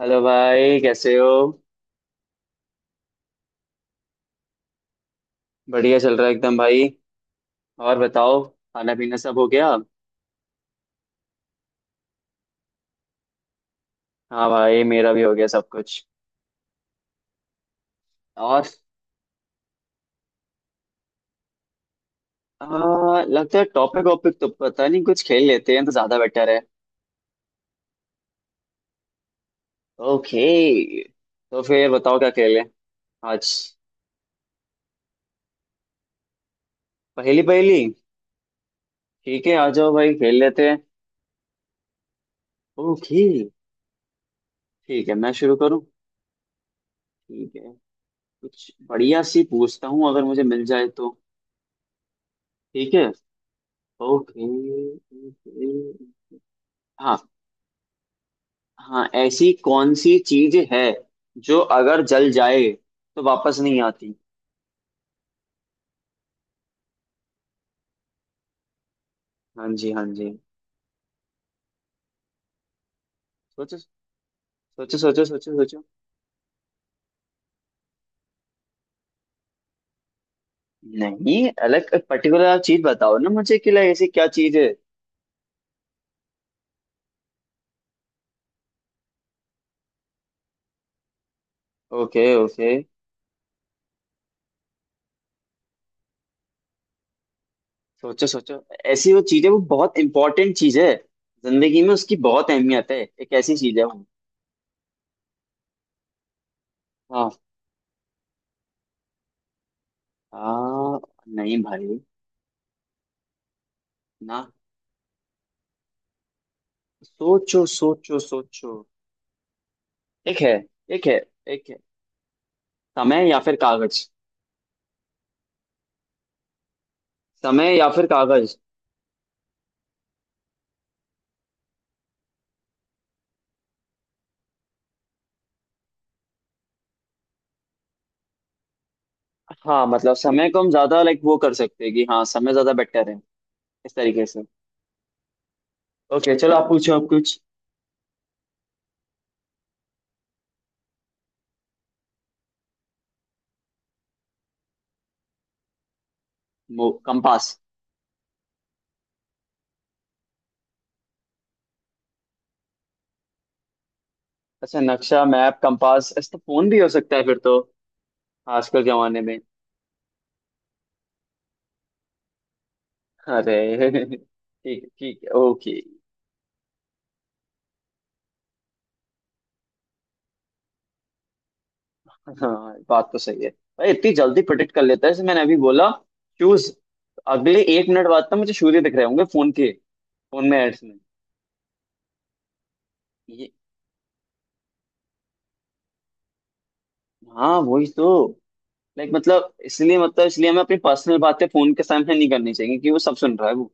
Hello भाई, कैसे हो। बढ़िया चल रहा है एकदम भाई। और बताओ, खाना पीना सब हो गया। हाँ भाई, मेरा भी हो गया सब कुछ। और आ, लगता है टॉपिक वॉपिक तो पता नहीं, कुछ खेल लेते हैं तो ज्यादा बेटर है। ओके, तो फिर बताओ क्या खेलें आज। पहली पहली। ठीक है, आ जाओ भाई खेल लेते हैं। ओके, ठीक है मैं शुरू करूँ। ठीक है, कुछ बढ़िया सी पूछता हूँ, अगर मुझे मिल जाए तो। ठीक है। ओके। ओके। हाँ। हाँ, ऐसी कौन सी चीज है जो अगर जल जाए तो वापस नहीं आती। हाँ जी, हाँ जी। सोचो सोचो सोचो सोचो सोचो। नहीं, अलग पर्टिकुलर चीज बताओ ना मुझे कि like ऐसी क्या चीज है। Okay okay. सोचो सोचो। ऐसी वो चीज है, वो बहुत इंपॉर्टेंट चीज है, जिंदगी में उसकी बहुत अहमियत है, एक ऐसी चीज है वो। हाँ हाँ। नहीं भाई। ना। सोचो सोचो सोचो। एक है। एक है। एक है। समय या फिर कागज। समय या फिर कागज। हाँ, मतलब समय को हम ज्यादा लाइक वो कर सकते हैं कि हाँ समय ज्यादा बेटर है इस तरीके से। ओके चलो, आप पूछो आप कुछ। मो- कंपास। अच्छा, नक्शा मैप कंपास, ऐसा तो फोन भी हो सकता है फिर तो, आजकल के जमाने में। अरे ठीक ठीक है, ओके। हाँ बात तो सही है। भाई इतनी जल्दी प्रोटेक्ट कर लेता है, जैसे मैंने अभी बोला शूज, अगले एक मिनट बाद तो मुझे सूर्य दिख रहे होंगे फोन के, फोन में एड्स में। ये। हाँ वही तो। लाइक मतलब इसलिए, मतलब इसलिए हमें अपनी पर्सनल बातें फोन के सामने नहीं करनी चाहिए, क्योंकि वो सब सुन रहा है वो।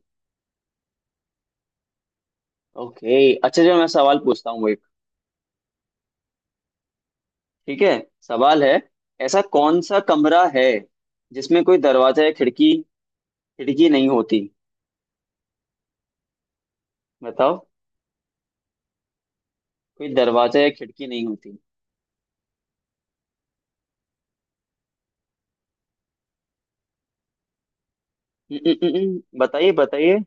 ओके, अच्छा जो मैं सवाल पूछता हूँ वो एक, ठीक है, सवाल है। ऐसा कौन सा कमरा है जिसमें कोई दरवाजा या खिड़की खिड़की नहीं होती, बताओ। कोई दरवाजा या खिड़की नहीं होती। बताइए बताइए।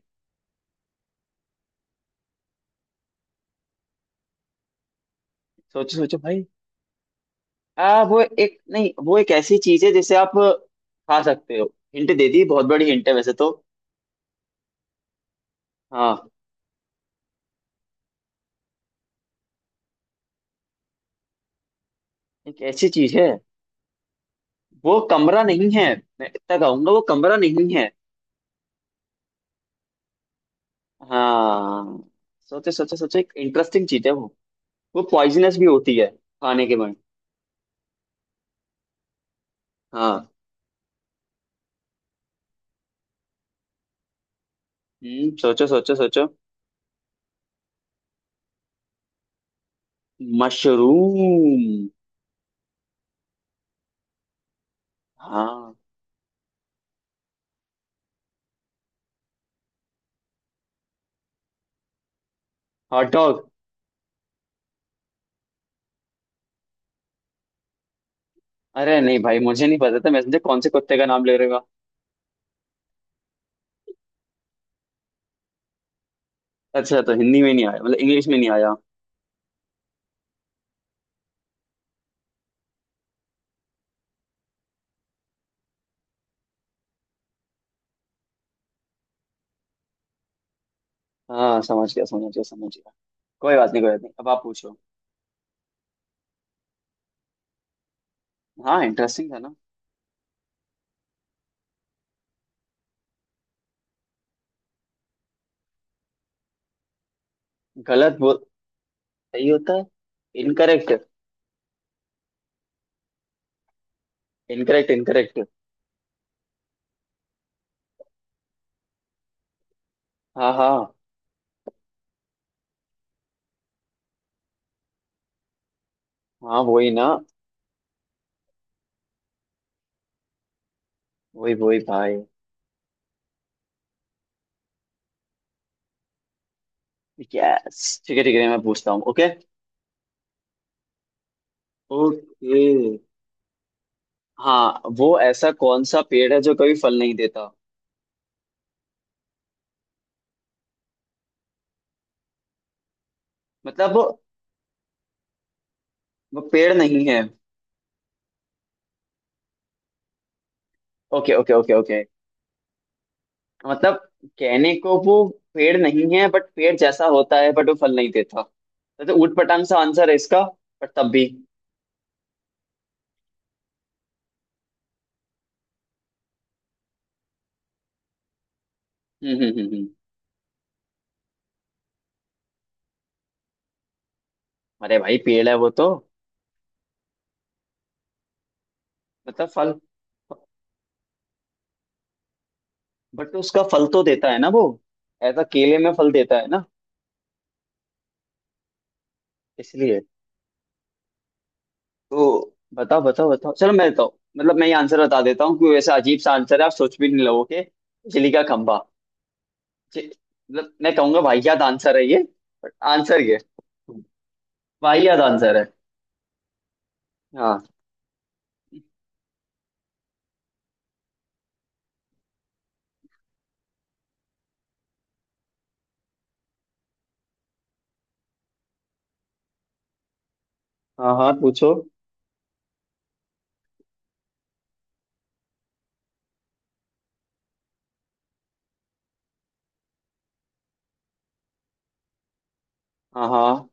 सोचो सोचो भाई। आ वो एक, नहीं वो एक ऐसी चीज है जिसे आप खा सकते हो। हिंट दे दी, बहुत बड़ी हिंट है वैसे तो। हाँ। एक ऐसी चीज है, वो कमरा नहीं है। मैं इतना कहूंगा वो कमरा नहीं है। हाँ। सोचे सोचे सोचे, एक इंटरेस्टिंग चीज है वो पॉइजनस भी होती है खाने के बाद। हाँ। सोचो सोचो सोचो। मशरूम। हाँ, हॉट डॉग। अरे नहीं भाई, मुझे नहीं पता था, मैं समझे कौन से कुत्ते का नाम ले रहेगा। अच्छा, तो हिंदी में नहीं आया, मतलब इंग्लिश में नहीं आया। हाँ समझ गया समझ गया समझ गया। कोई बात नहीं, कोई बात नहीं, अब आप पूछो। हाँ, इंटरेस्टिंग था ना। गलत बोल सही होता है, इनकरेक्ट। Incorrect incorrect. हाँ हाँ। हाँ वही ना, वही वही भाई। यस ठीक है ठीक है, मैं पूछता हूँ। ओके। ओके। हाँ, वो ऐसा कौन सा पेड़ है जो कभी फल नहीं देता। मतलब वो पेड़ नहीं है। Okay okay okay okay. मतलब कहने को वो पेड़ नहीं है, बट पेड़ जैसा होता है, बट वो फल नहीं देता, तो ऊट पटांग सा आंसर है इसका, बट तब भी। हम्म हम्म हम्म हम्म। अरे भाई पेड़ है वो तो। मतलब फल, बट उसका फल तो देता है ना वो। ऐसा केले में फल देता है ना, इसलिए। तो बताओ बताओ बताओ, चलो मैं बताओ, मतलब मैं ये आंसर बता देता हूँ, क्योंकि वैसा अजीब सा आंसर है आप सोच भी नहीं लोगे, बिजली का खंभा। जे- मतलब मैं कहूंगा वाहियात आंसर है ये, बट आंसर ये वाहियात आंसर है। हाँ हाँ, हाँ पूछो। हाँ हाँ।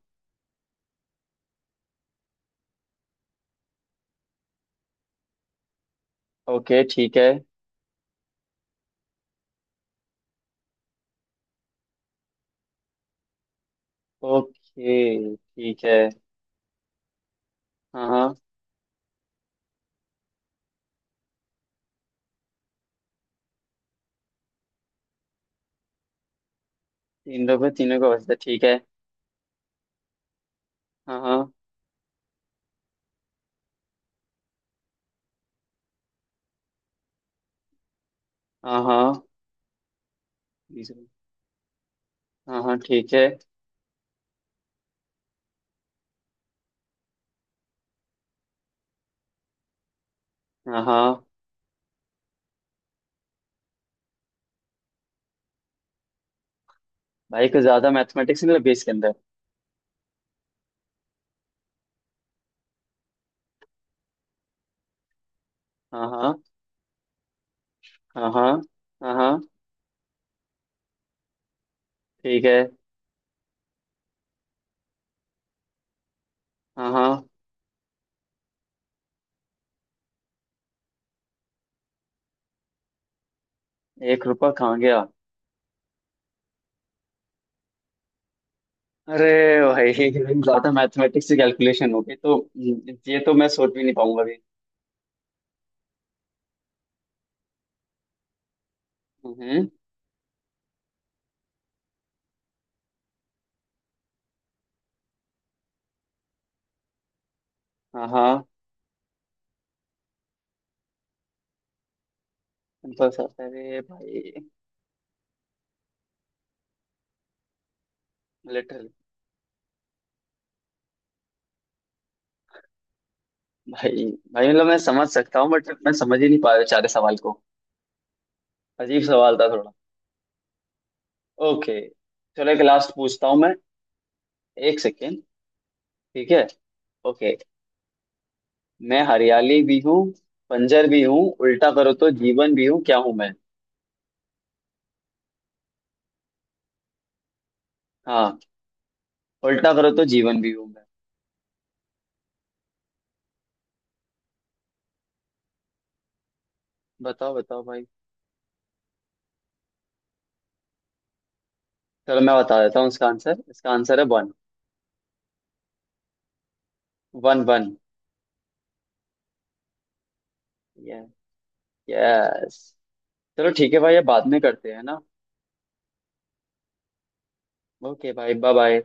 ओके ठीक है। ओके ठीक है। हाँ हाँ। तीन लोग हैं, तीनों का बचता है, ठीक है। हाँ हाँ। हाँ हाँ। तीसरा- हाँ हाँ ठीक है। हाँ हाँ। भाई कुछ ज्यादा मैथमेटिक्स नहीं लगे इसके अंदर। हाँ हाँ। हाँ हाँ। हाँ हाँ ठीक है। हाँ हाँ। एक रुपया कहाँ गया। अरे भाई ज्यादा मैथमेटिक्स से कैलकुलेशन हो गई तो, ये तो मैं सोच भी नहीं पाऊंगा अभी। हम्म हाँ हाँ। बस अरे भाई। लिटरल। भाई, भाई मतलब मैं समझ सकता हूँ, बट मैं समझ ही नहीं पा रहा सारे सवाल को। अजीब सवाल था थोड़ा। ओके, चलो एक लास्ट पूछता हूँ मैं। एक सेकेंड। ठीक है। ओके। मैं हरियाली भी हूँ, बंजर भी हूँ, उल्टा करो तो जीवन भी हूँ, क्या हूँ मैं। हाँ, उल्टा करो तो जीवन भी हूँ। बताओ बताओ भाई। चलो मैं बता देता हूँ इसका आंसर, इसका आंसर है वन। One one. यस। चलो ठीक है भाई, ये बाद में करते हैं ना। ओके भाई, बाय बाय।